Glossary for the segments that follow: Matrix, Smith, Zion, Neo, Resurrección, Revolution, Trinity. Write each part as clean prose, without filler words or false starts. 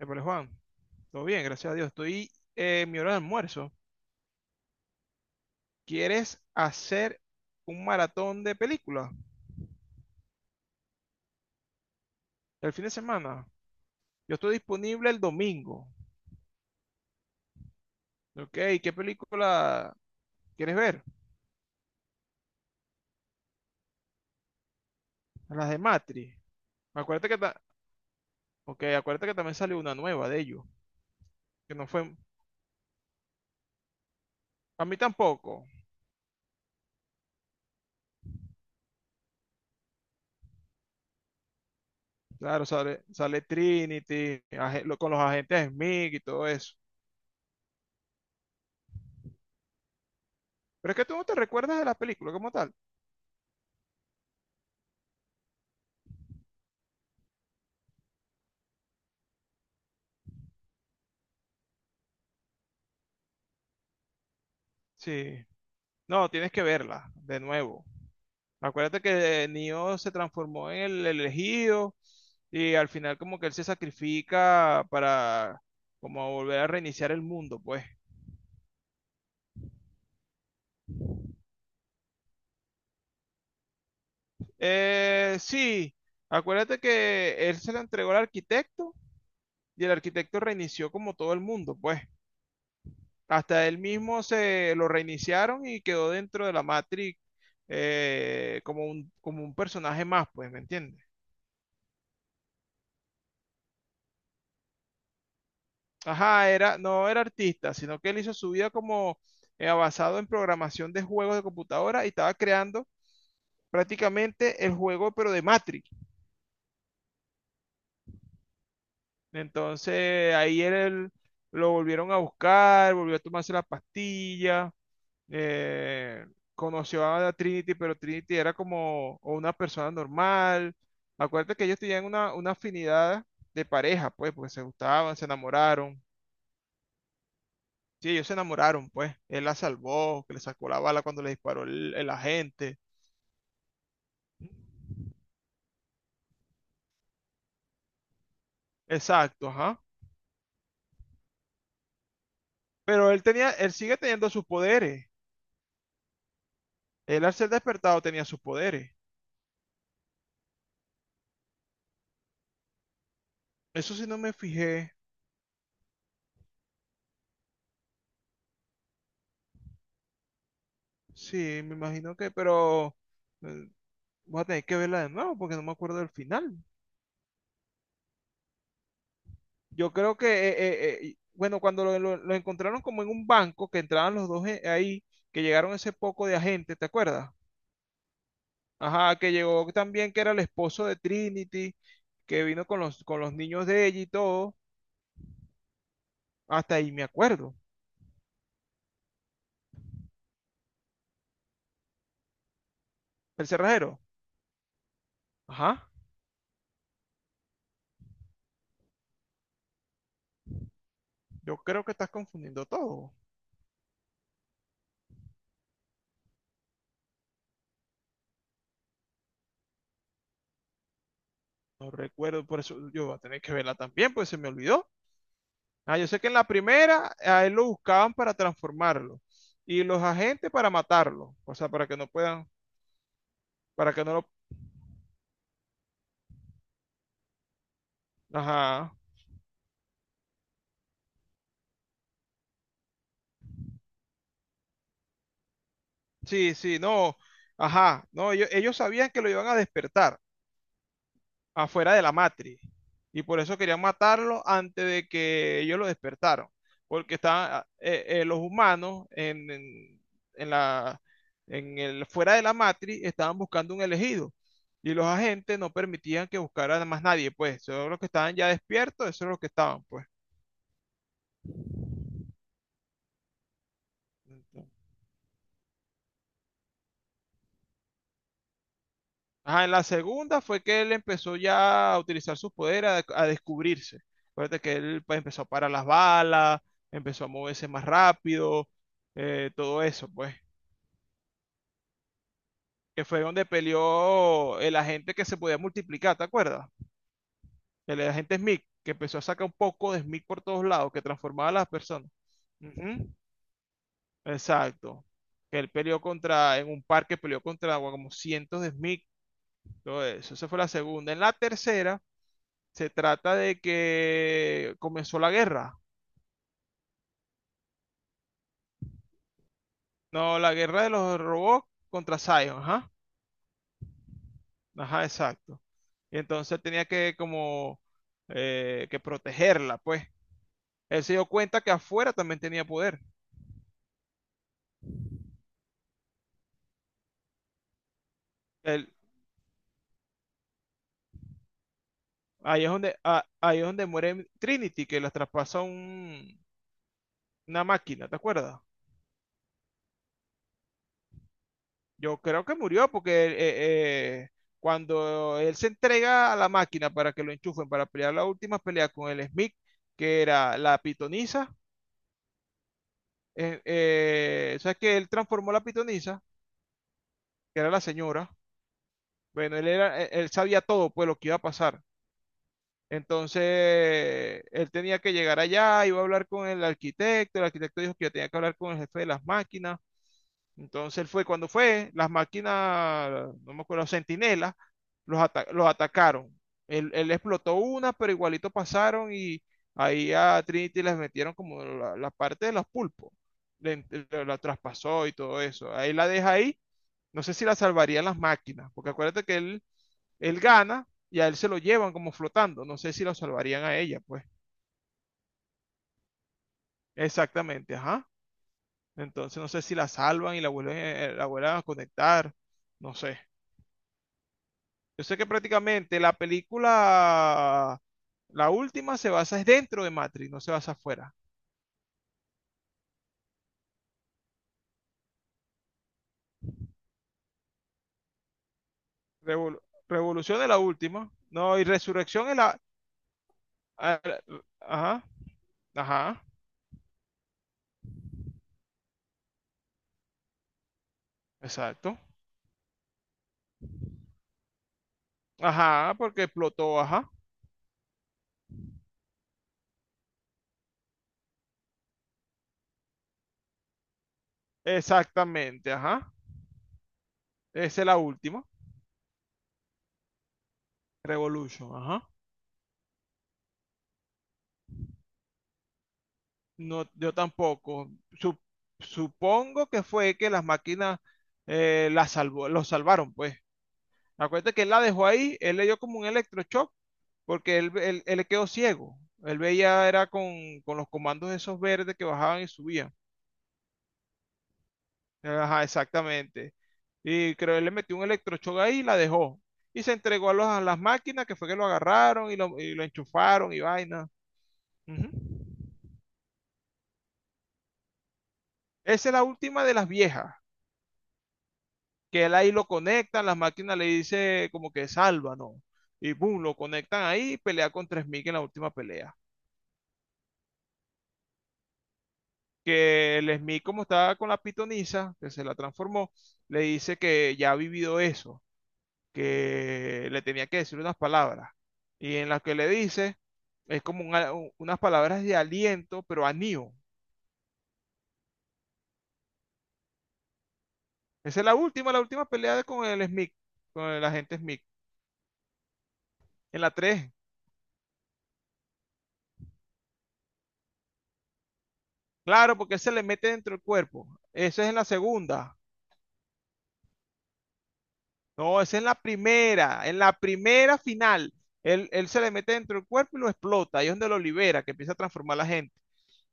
Épale, Juan, todo bien, gracias a Dios. Estoy en mi hora de almuerzo. ¿Quieres hacer un maratón de películas el fin de semana? Yo estoy disponible el domingo. Ok, ¿qué película quieres ver? Las de Matrix. Acuérdate que, ta- ok, acuérdate que también salió una nueva de ellos, que no fue. A mí tampoco. Claro, sale Trinity, con los agentes Smith y todo eso. Pero es que tú no te recuerdas de la película como tal. Sí. No, tienes que verla de nuevo. Acuérdate que Neo se transformó en el elegido y al final como que él se sacrifica para como volver a reiniciar el mundo, pues. Sí, acuérdate que él se la entregó al arquitecto y el arquitecto reinició como todo el mundo, pues. Hasta él mismo se lo reiniciaron y quedó dentro de la Matrix, como un personaje más, pues, ¿me entiendes? Ajá, era, no era artista, sino que él hizo su vida como basado en programación de juegos de computadora y estaba creando prácticamente el juego, pero de Matrix. Entonces ahí él, lo volvieron a buscar, volvió a tomarse la pastilla, eh, conoció a la Trinity, pero Trinity era como una persona normal. Acuérdate que ellos tenían una afinidad de pareja, pues, porque se gustaban, se enamoraron. Sí, ellos se enamoraron, pues. Él la salvó, que le sacó la bala cuando le disparó el agente. Exacto, ajá. Pero él tenía, él sigue teniendo sus poderes. Él al ser despertado tenía sus poderes. Eso sí no me fijé. Sí, me imagino que, pero eh, voy a tener que verla de nuevo porque no me acuerdo del final. Yo creo que, bueno, cuando lo encontraron como en un banco, que entraban los dos ahí, que llegaron ese poco de agentes, ¿te acuerdas? Ajá, que llegó también, que era el esposo de Trinity, que vino con los niños de ella y todo. Hasta ahí me acuerdo. El cerrajero. Ajá, yo creo que estás confundiendo todo. No recuerdo, por eso yo voy a tener que verla también, pues se me olvidó. Ah, yo sé que en la primera a él lo buscaban para transformarlo y los agentes para matarlo, o sea, para que no puedan, para que no lo. Ajá, sí, sí, no, ajá, no, ellos sabían que lo iban a despertar, afuera de la matriz. Y por eso querían matarlo antes de que ellos lo despertaron. Porque estaban los humanos en la, en el, fuera de la matriz estaban buscando un elegido. Y los agentes no permitían que buscaran a más nadie, pues. Eso es lo que estaban ya despiertos, eso es lo que estaban, pues. Ajá, en la segunda fue que él empezó ya a utilizar sus poderes, a descubrirse. Acuérdate que él pues, empezó a parar las balas, empezó a moverse más rápido, todo eso, pues. Que fue donde peleó el agente que se podía multiplicar, ¿te acuerdas? El agente Smith, que empezó a sacar un poco de Smith por todos lados, que transformaba a las personas. Ujú, exacto. Que él peleó contra, en un parque peleó contra bueno, como cientos de Smith, todo eso. Esa fue la segunda. En la tercera se trata de que comenzó la guerra. No, la guerra de los robots contra Zion, ajá. Ajá, exacto. Y entonces él tenía que como que protegerla, pues. Él se dio cuenta que afuera también tenía poder. Él- ahí es donde muere Trinity, que la traspasa una máquina, ¿te acuerdas? Yo creo que murió porque cuando él se entrega a la máquina para que lo enchufen para pelear la última pelea con el Smith, que era la pitonisa, ¿sabes que él transformó la pitonisa, que era la señora? Bueno, él era, él él sabía todo, pues lo que iba a pasar. Entonces, él tenía que llegar allá, iba a hablar con el arquitecto dijo que yo tenía que hablar con el jefe de las máquinas. Entonces él fue, cuando fue, las máquinas, no me acuerdo, centinelas, los atacaron. Él explotó una, pero igualito pasaron y ahí a Trinity les metieron como la parte de los pulpos. La traspasó y todo eso. Ahí la deja ahí. No sé si la salvarían las máquinas, porque acuérdate que él gana y a él se lo llevan como flotando. No sé si la salvarían a ella, pues. Exactamente, ajá. Entonces no sé si la salvan y la vuelven a conectar. No sé. Yo sé que prácticamente la película, la última, se basa es dentro de Matrix, no se basa afuera. Revol- Revolución es la última. No, y Resurrección es la. a- Ajá, ajá, exacto. Ajá, porque explotó, ajá. Exactamente, ajá. Esa es la última. Revolution, ajá. No, yo tampoco. Supongo que fue que las máquinas, las salvó, los salvaron, pues. Acuérdate que él la dejó ahí, él le dio como un electroshock, porque él le quedó ciego. Él veía, era con, los comandos esos verdes que bajaban y subían. Ajá, exactamente. Y creo él le metió un electroshock ahí y la dejó. Y se entregó a las máquinas que fue que lo agarraron y lo enchufaron y vaina. Ujú. Esa es la última de las viejas, que él ahí lo conectan, las máquinas le dice como que salva, ¿no? Y boom, lo conectan ahí y pelea con 3000 en la última pelea. Que el Smith, como estaba con la pitonisa, que se la transformó, le dice que ya ha vivido eso, que le tenía que decir unas palabras. Y en las que le dice, es como unas palabras de aliento, pero a Neo. Esa es la última pelea con el Smith, con el agente Smith, en la tres. Claro, porque él se le mete dentro del cuerpo. Esa es en la segunda. No, esa es en la primera final. Él se le mete dentro del cuerpo y lo explota. Ahí es donde lo libera, que empieza a transformar a la gente.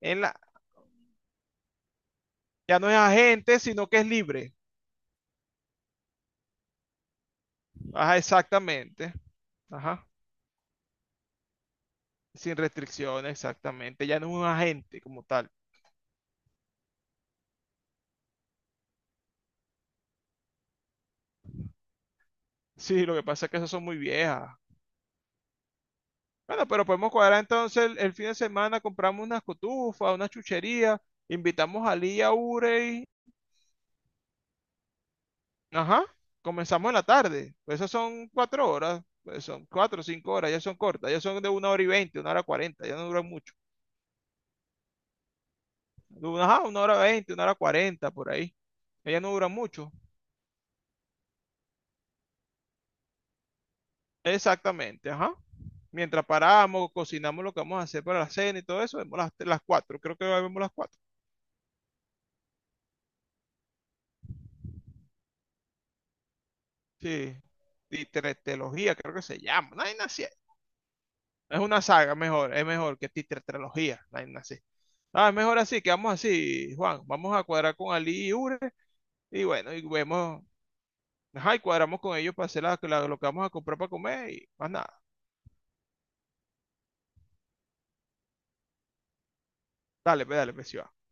En la, ya no es agente, sino que es libre. Ajá, exactamente. Ajá. Sin restricciones, exactamente. Ya no es un agente como tal. Sí, lo que pasa es que esas son muy viejas. Bueno, pero podemos cuadrar entonces el fin de semana, compramos unas cotufas, una chuchería, invitamos a Lía, Urey. Ajá. Comenzamos en la tarde. Pues esas son 4 horas, pues son 4 o 5 horas, ya son cortas, ya son de 1 hora y 20, 1 hora 40, ya no duran mucho. Ajá, 1 hora 20, 1 hora 40, por ahí. Ellas no duran mucho. Exactamente, ajá. Mientras paramos, cocinamos lo que vamos a hacer para la cena y todo eso, vemos las cuatro, creo que vemos las cuatro. Sí. Y creo que se llama. No hay nada así. Es una saga mejor, es mejor que titretralogía, no hay nada así. Ah, es mejor así, quedamos así, Juan. Vamos a cuadrar con Ali y Ure. Y bueno, y vemos, ajá, y cuadramos con ellos para hacer lo que vamos a comprar para comer y más nada. Dale, pues, sí va.